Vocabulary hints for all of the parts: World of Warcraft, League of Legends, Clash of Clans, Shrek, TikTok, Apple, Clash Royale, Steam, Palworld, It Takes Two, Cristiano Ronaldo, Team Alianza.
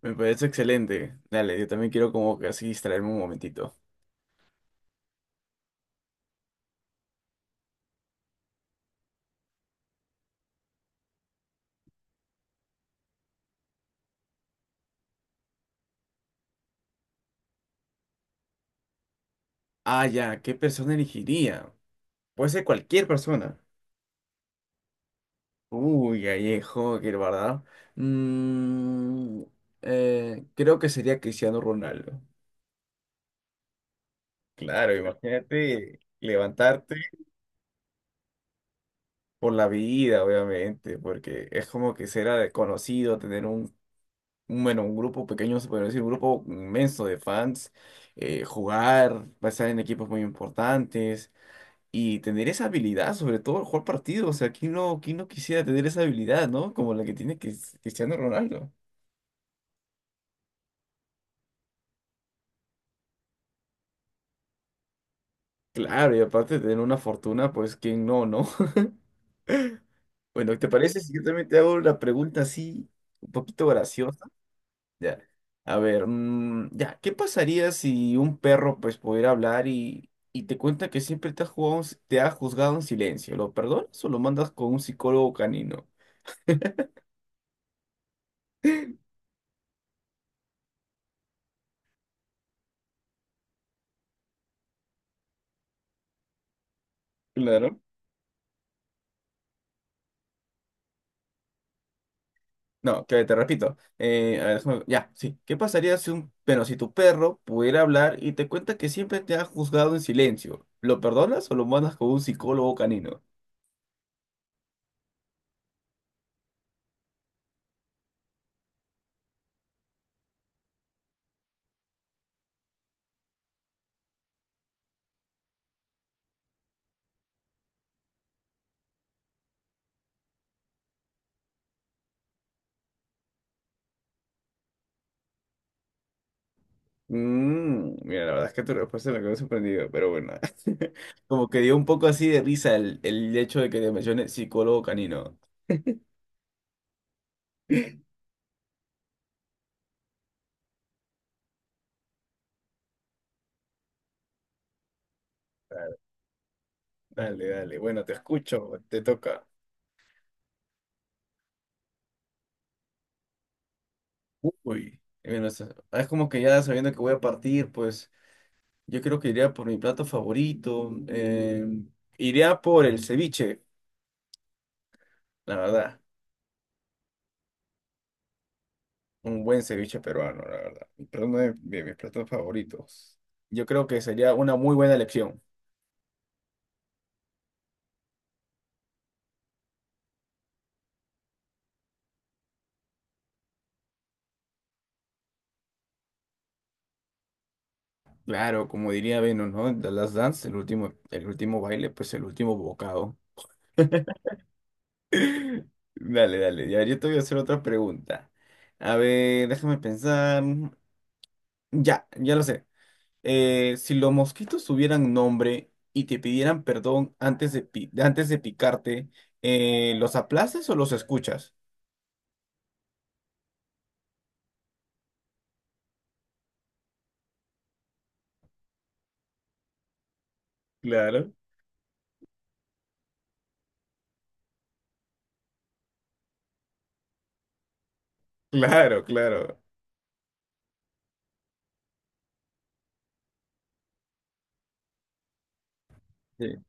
Me parece excelente. Dale, yo también quiero como que así distraerme un momentito. Ah, ya, ¿qué persona elegiría? Puede ser cualquier persona. Uy, Gallejo, qué ¿verdad? Mm, creo que sería Cristiano Ronaldo. Claro, imagínate levantarte por la vida, obviamente, porque es como que ser conocido, tener bueno, un grupo pequeño, se podría decir, un grupo inmenso de fans, jugar, pasar en equipos muy importantes. Y tener esa habilidad, sobre todo el jugar partido, o sea, quién no quisiera tener esa habilidad, ¿no? Como la que tiene Cristiano Ronaldo. Claro, y aparte de tener una fortuna, pues quién no, ¿no? Bueno, ¿te parece si yo también te hago una pregunta así, un poquito graciosa? Ya. A ver, mm, ya, ¿qué pasaría si un perro pues pudiera hablar y te cuenta que siempre te ha jugado, en si- te ha juzgado en silencio? ¿Lo perdonas o lo mandas con un psicólogo canino? Claro. No, que te repito. A ver, ya, sí. ¿Qué pasaría si pero si tu perro pudiera hablar y te cuenta que siempre te ha juzgado en silencio? ¿Lo perdonas o lo mandas con un psicólogo canino? Mm, mira, la verdad es que tu respuesta me quedó sorprendido, pero bueno. Como que dio un poco así de risa el hecho de que te mencione psicólogo canino. Dale, dale, dale. Bueno, te escucho, te toca. Uy. Bueno, es como que ya sabiendo que voy a partir, pues. Yo creo que iría por mi plato favorito. Iría por el ceviche, la verdad. Un buen ceviche peruano, la verdad. Pero uno de mis platos favoritos. Yo creo que sería una muy buena elección. Claro, como diría Venus, ¿no? The Last Dance, el último baile, pues el último bocado. Dale, dale. Ya, yo te voy a hacer otra pregunta. A ver, déjame pensar. Ya, ya lo sé. Si los mosquitos tuvieran nombre y te pidieran perdón antes de picarte, ¿los aplaces o los escuchas? Claro, claro, claro. Sí.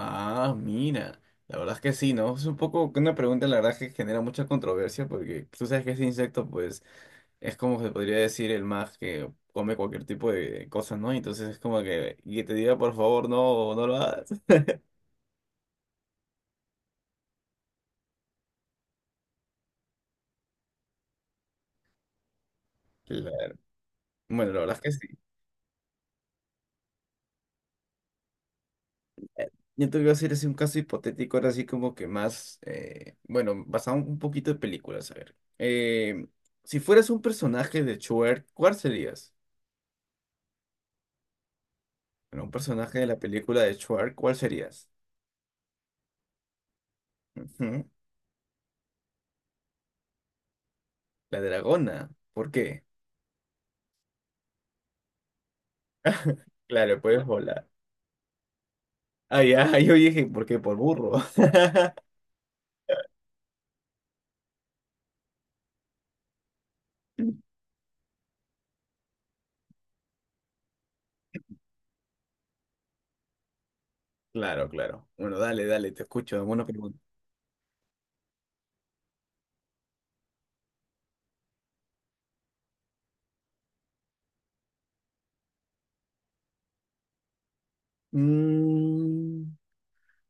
Ah, mira, la verdad es que sí, ¿no? Es un poco una pregunta, la verdad, que genera mucha controversia porque tú sabes que ese insecto, pues, es como se podría decir el más que come cualquier tipo de cosas, ¿no? Entonces es como que, y que te diga, por favor, no, no lo hagas. Claro. Bueno, la verdad es que sí. Yo te voy a hacer así un caso hipotético, ahora sí como que más, bueno, basado un poquito de películas, a ver. Si fueras un personaje de Shrek, ¿cuál serías? Bueno, un personaje de la película de Shrek, ¿cuál serías? Ujú. La dragona. ¿Por qué? Claro, puedes volar. Ah, ya, yo dije, ¿por qué? Por burro. Claro, claro. Bueno, dale, dale, te escucho. Buena pregunta. Mm.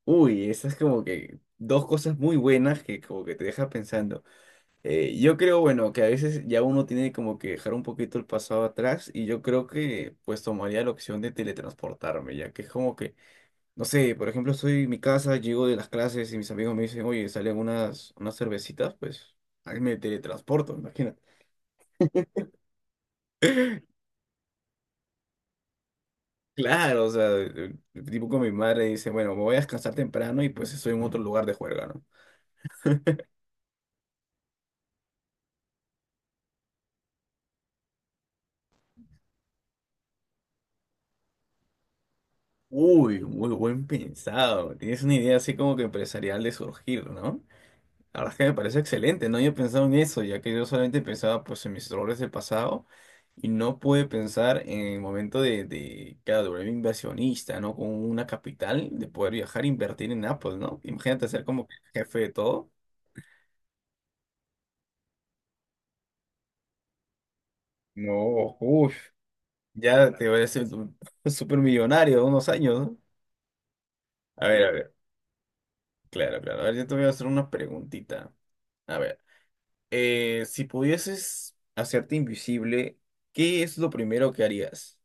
Uy, esas como que dos cosas muy buenas que como que te deja pensando. Yo creo, bueno, que a veces ya uno tiene como que dejar un poquito el pasado atrás y yo creo que pues tomaría la opción de teletransportarme, ya que es como que, no sé, por ejemplo, estoy en mi casa, llego de las clases y mis amigos me dicen, oye, salen unas cervecitas, pues ahí me teletransporto, imagínate. Claro, o sea, tipo con mi madre dice, bueno, me voy a descansar temprano y pues estoy en otro lugar de juerga, ¿no? Uy, muy buen pensado. Tienes una idea así como que empresarial de surgir, ¿no? La verdad es que me parece excelente, no había pensado en eso, ya que yo solamente pensaba pues en mis errores del pasado y no pude pensar en el momento de claro, de volverme inversionista, ¿no? Con una capital, de poder viajar e invertir en Apple, ¿no? Imagínate ser como que jefe de todo. No, uff, ya te voy a ser súper millonario en unos años, ¿no? A ver, claro, claro. A ver, yo te voy a hacer una preguntita. A ver, si pudieses hacerte invisible, ¿qué es lo primero que harías?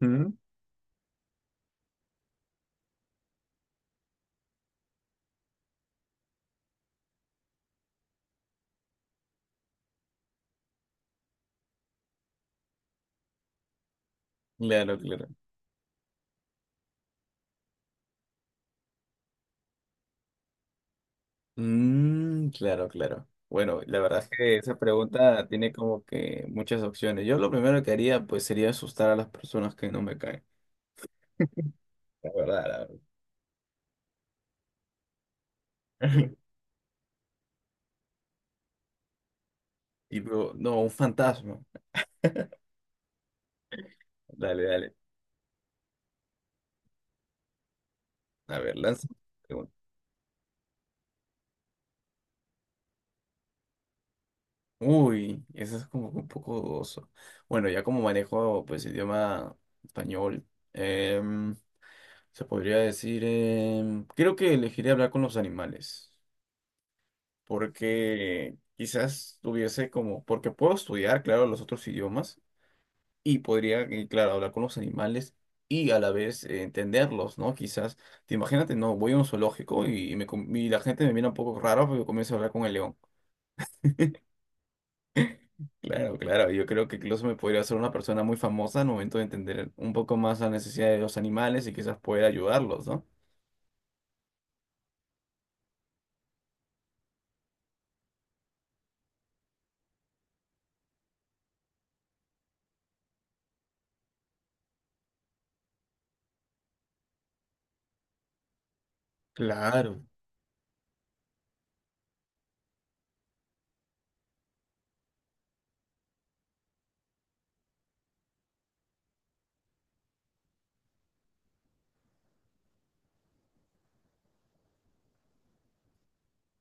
Mm. Claro, claro. Mm, claro, claro. Bueno, la verdad es que esa pregunta tiene como que muchas opciones. Yo lo primero que haría pues sería asustar a las personas que no me caen. La verdad, la verdad. Y luego, no, un fantasma. Dale, dale. A ver, lanza pregunta. Uy, eso es como que un poco dudoso. Bueno, ya como manejo pues idioma español, em, se podría decir, creo que elegiría hablar con los animales, porque quizás tuviese como, porque puedo estudiar, claro, los otros idiomas y podría, claro, hablar con los animales y a la vez entenderlos, ¿no? Quizás, te imagínate, no, voy a un zoológico y, y la gente me mira un poco raro porque comienzo a hablar con el león. Claro, claro, yo creo que incluso me podría hacer una persona muy famosa al momento de entender un poco más la necesidad de los animales y quizás poder ayudarlos, ¿no? Claro.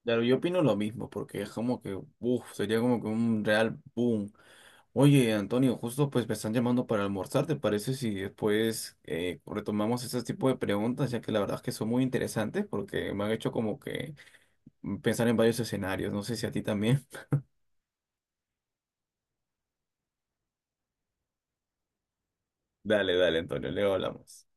Claro, yo opino lo mismo, porque es como que, uff, sería como que un real boom. Oye, Antonio, justo pues me están llamando para almorzar, ¿te parece si después retomamos ese tipo de preguntas, ya que la verdad es que son muy interesantes porque me han hecho como que mm, pensar en varios escenarios, no sé si a ti también. Dale, dale, Antonio, luego hablamos.